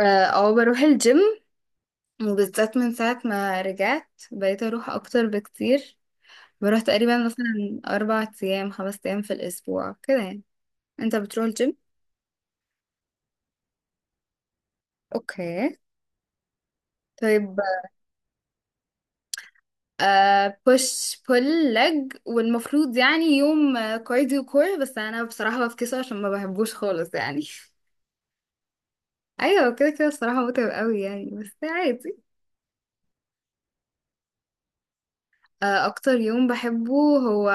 اه، أو بروح الجيم. وبالذات من ساعة ما رجعت بقيت اروح اكتر بكتير. بروح تقريبا مثلا 4 ايام 5 ايام في الاسبوع كده يعني. انت بتروح الجيم؟ اوكي. طيب. بوش بول لج، والمفروض يعني يوم كارديو كور، بس انا بصراحة بفكسه عشان ما بحبوش خالص يعني. ايوه، كده كده بصراحة متعب قوي يعني، بس عادي. اكتر يوم بحبه هو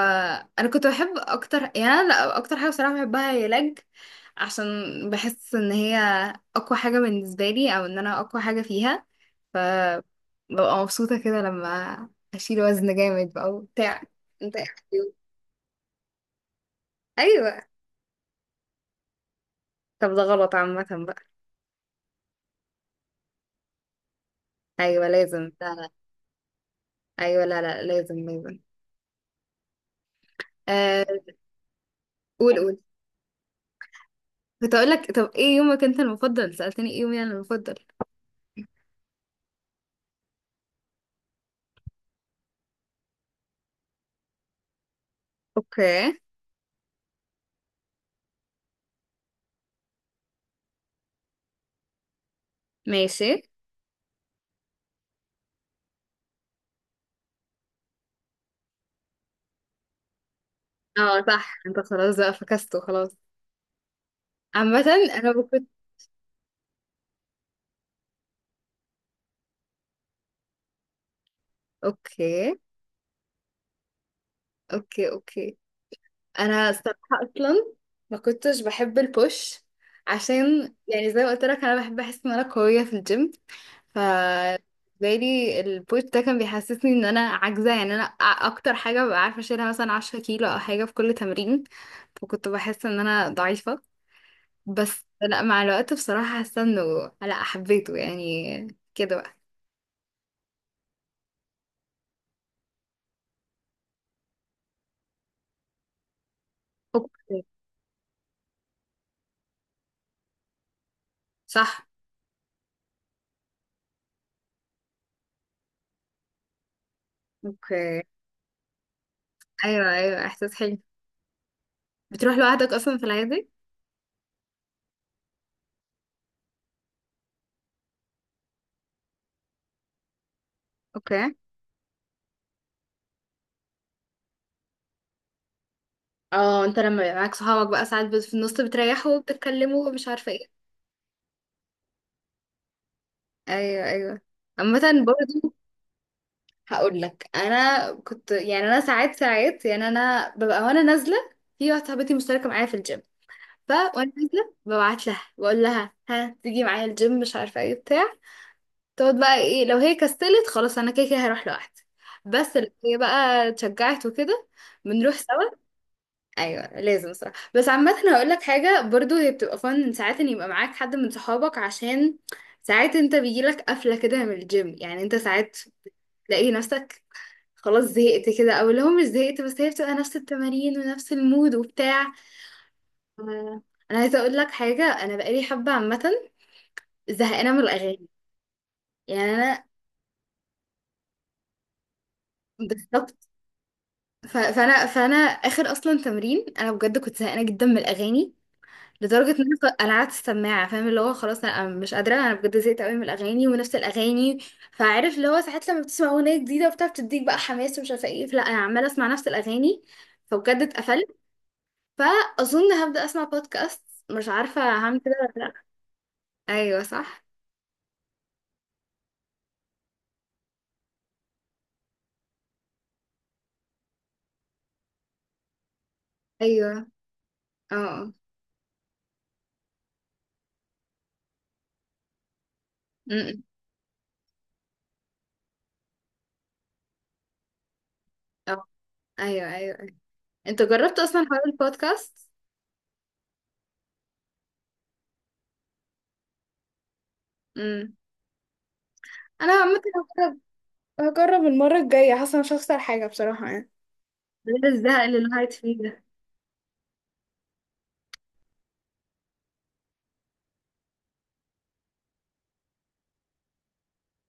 انا كنت بحب اكتر، يعني أنا لا اكتر حاجه بصراحه بحبها هي لج. عشان بحس ان هي اقوى حاجه بالنسبه لي، او ان انا اقوى حاجه فيها. ف ببقى مبسوطه كده لما اشيل وزن جامد بقى وبتاع. انت إيه رأيك؟ ايوه. طب ده غلط عامه بقى. ايوه لازم، لا لا. ايوه، لا لا، لازم لازم. آه. قول قول. كنت اقول لك، طب ايه يومك انت المفضل، سالتني ايه يومي انا المفضل. اوكي. ماشي. اه صح، انت خلاص بقى فكسته خلاص. عامة انا ما كنت. اوكي اوكي اوكي. انا الصراحة اصلا ما كنتش بحب البوش. عشان يعني زي ما قلت لك انا بحب احس ان انا قوية في الجيم. ف بالي البوش ده كان بيحسسني ان انا عاجزة، يعني انا اكتر حاجة ببقى عارفة اشيلها مثلا 10 كيلو او حاجة في كل تمرين. فكنت بحس ان انا ضعيفة. بس لا، مع الوقت بصراحة حاسة انه لا حبيته يعني. كده بقى. اوكي. صح. اوكي. ايوه ايوه، احساس حلو. بتروح لوحدك اصلا في العادي؟ اوكي. اه، انت لما يبقى معاك صحابك بقى ساعات في النص بتريحوا وبتتكلموا ومش عارفه ايه. ايوه ايوه. عامه. برضو هقول لك، انا كنت يعني انا ساعات ساعات، يعني انا ببقى وانا نازله، في واحده صاحبتي مشتركه معايا في الجيم، فوانا نازله ببعت لها بقول لها ها تيجي معايا الجيم مش عارفه ايه بتاع. تقعد بقى ايه، لو هي كسلت خلاص انا كده كده هروح لوحدي، بس لو هي بقى اتشجعت وكده بنروح سوا. ايوه لازم صراحه. بس عامه هقول لك حاجه برضو، هي بتبقى فن ساعات ان يبقى معاك حد من صحابك. عشان ساعات انت بيجيلك قفله كده من الجيم، يعني انت ساعات تلاقي نفسك خلاص زهقت كده، او اللي هو مش زهقت بس هي بتبقى نفس التمارين ونفس المود وبتاع. آه، انا عايزه اقول لك حاجه، انا بقالي حبه عامه زهقانه من الاغاني. يعني انا. بالظبط. فانا اخر اصلا تمرين انا بجد كنت زهقانه جدا من الاغاني، لدرجه ان انا قعدت السماعه، فاهم اللي هو خلاص انا مش قادره، انا بجد زهقت قوي من الاغاني ونفس الاغاني. فعارف اللي هو ساعات لما بتسمع اغنيه جديده وبتاع بتديك بقى حماس ومش عارفه ايه، فلا انا عماله اسمع نفس الاغاني فبجد اتقفلت. فاظن هبدا اسمع بودكاست، مش عارفه هعمل كده ولا لا. ايوه صح. ايوه. اه اه. م-م. آه. ايوه ايوه ايوه. انت جربت اصلا حوار البودكاست؟ امم. انا عامه هجرب، هجرب المره الجايه. حاسه مش هخسر حاجه بصراحه يعني، غير الزهق اللي الواحد فيه ده.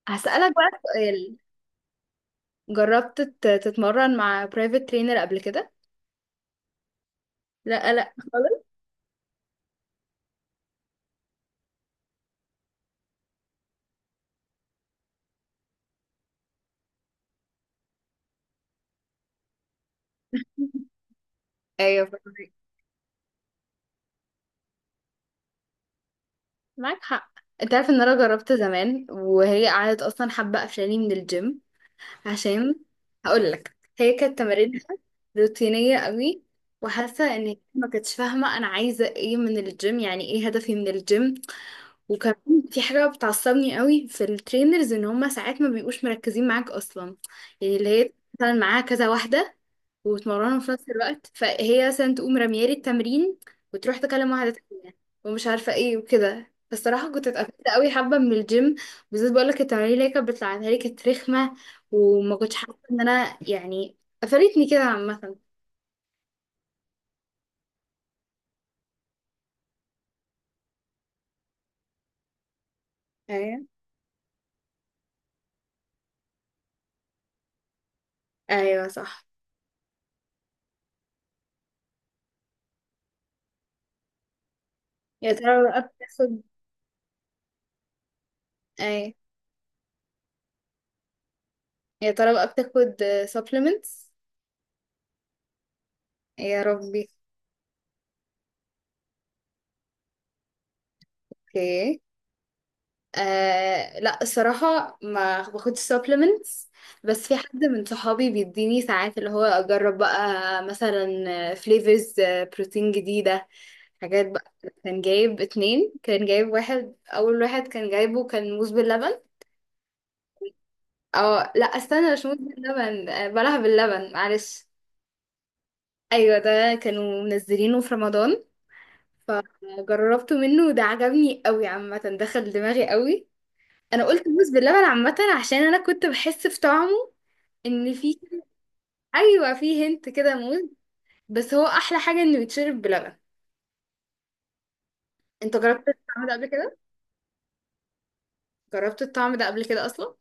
هسألك بقى سؤال. جربت تتمرن مع برايفت ترينر قبل كده؟ لا لا خالص. ايوه فاهمك. معاك حق. انت عارف ان انا جربت زمان وهي قعدت اصلا حابه قفشاني من الجيم. عشان هقول لك، هي كانت تمارينها روتينيه قوي، وحاسه ان هي ما كانتش فاهمه انا عايزه ايه من الجيم، يعني ايه هدفي من الجيم. وكمان في حاجه بتعصبني قوي في الترينرز، ان هم ساعات ما بيبقوش مركزين معاك اصلا. يعني اللي هي مثلا معاها كذا واحده، وتمرنهم في نفس الوقت، فهي مثلا تقوم رميالي التمرين وتروح تكلم واحدة تانية ومش عارفة ايه وكده. فالصراحة كنت اتقفلت قوي حبة من الجيم. بالذات بقولك التمارين اللي هي كانت بتلعبها لي كانت رخمة، وما كنتش حاسة ان انا يعني قفلتني كده عامة. ايوه ايوه صح. يا ترى بقى بتاخد ايوه يا ترى بقى بتاخد supplements؟ يا ربي. اوكي. لا الصراحة ما باخدش supplements. بس في حد من صحابي بيديني ساعات اللي هو أجرب بقى مثلا flavors بروتين جديدة. حاجات بقى. كان جايب اتنين، كان جايب واحد، أول واحد كان جايبه كان موز باللبن. اه لا استنى، مش موز باللبن، بلح باللبن معلش. أيوة، ده كانوا منزلينه في رمضان. فجربته منه وده عجبني قوي عامة، دخل دماغي قوي. انا قلت موز باللبن عامه عشان انا كنت بحس في طعمه ان في. ايوه، في هنت كده موز. بس هو احلى حاجه انه يتشرب بلبن. انت جربت الطعم ده قبل كده؟ جربت الطعم ده قبل كده اصلا؟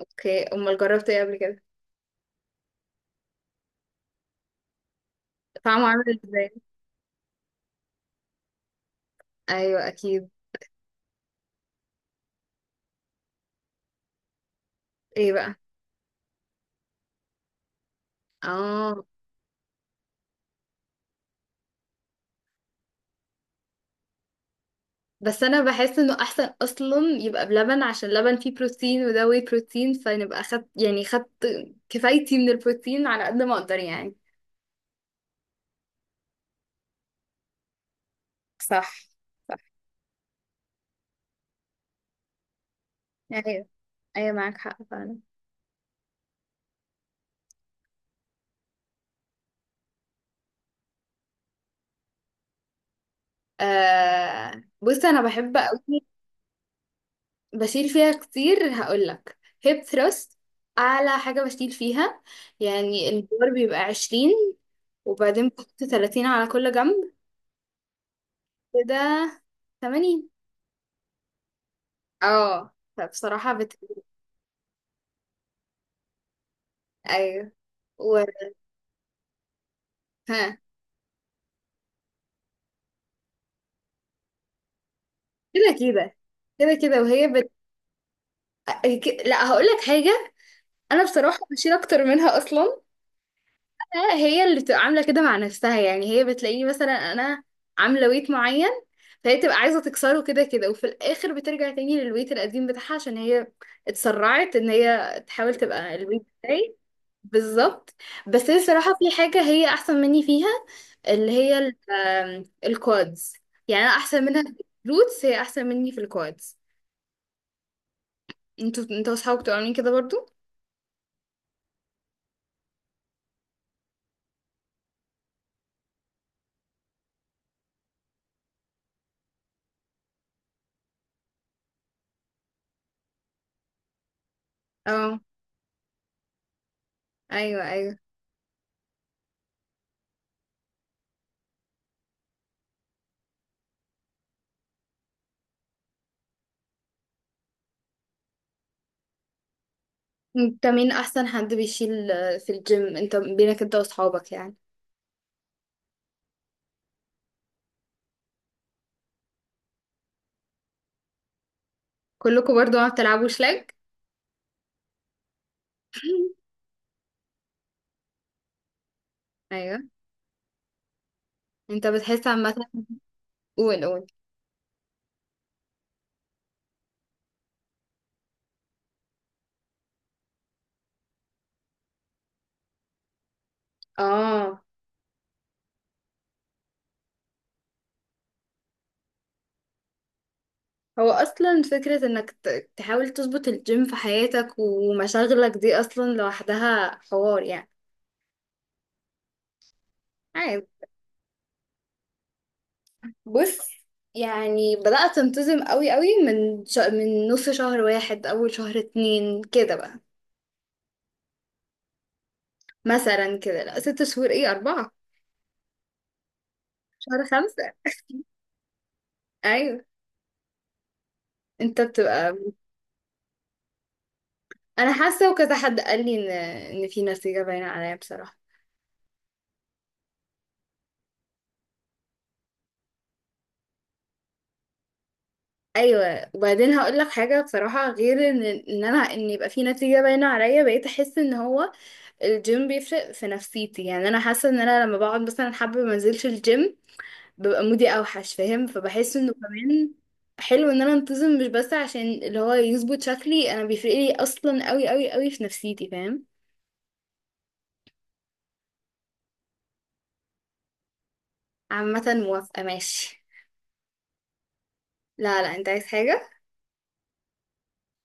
اوكي. امال جربت ايه قبل كده؟ طعمه عامل ازاي؟ ايوه اكيد. ايه بقى؟ اه. بس انا بحس انه احسن اصلا يبقى بلبن عشان اللبن فيه بروتين، وده واي بروتين، فنبقى خدت يعني خدت كفايتي من البروتين على قد ما اقدر يعني. صح. صح. ايوه ايوه، معاك حق فعلا. آه بص، انا بحب قوي. بشيل فيها كتير هقولك، هيب ثروست، اعلى حاجة بشيل فيها. يعني البار بيبقى 20، وبعدين بحط 30 على كل جنب، كده 80. اه فبصراحة بت. ايوه. و... ها. كده كده كده كده وهي لا هقولك حاجة، انا بصراحة بشيل اكتر منها اصلا. هي اللي بتبقى عامله كده مع نفسها، يعني هي بتلاقيني مثلا انا عامله ويت معين فهي تبقى عايزه تكسره كده كده، وفي الاخر بترجع تاني للويت القديم بتاعها عشان هي اتسرعت ان هي تحاول تبقى الويت بتاعي. بالظبط. بس هي الصراحه في حاجه هي احسن مني فيها، اللي هي ال- آم، الكوادز. يعني انا احسن منها في الروتس، هي احسن مني في الكوادز. انتوا، انتوا اصحابك بتبقوا عاملين كده برضو؟ اه. ايوه ايوه. انت مين احسن حد بيشيل في الجيم، انت بينك انت واصحابك يعني؟ كلكم برضو ما بتلعبوش شلك؟ ايوه. انت بتحس عامه. قول قول. اه، هو اصلا فكره انك تحاول تظبط الجيم في حياتك ومشاغلك دي اصلا لوحدها حوار يعني. عادي. بص يعني بدات انتظم قوي قوي من من نص شهر 1، اول شهر 2 كده بقى. مثلا كده، لا 6 شهور، ايه اربعه. شهر 5. ايوه. انت بتبقى. انا حاسه وكذا حد قال لي ان، ان في نتيجه باينه عليا بصراحه. ايوه، وبعدين هقول لك حاجه بصراحه، غير ان انا ان يبقى في نتيجه باينه عليا، بقيت احس ان هو الجيم بيفرق في نفسيتي. يعني انا حاسه ان انا لما بقعد مثلا حابه ما انزلش الجيم، ببقى مودي اوحش فاهم. فبحس انه كمان حلو ان انا انتظم، مش بس عشان اللي هو يظبط شكلي، انا بيفرق لي اصلا قوي قوي قوي في نفسيتي فاهم. عامه موافقه. ماشي. لا لا، انت عايز حاجه.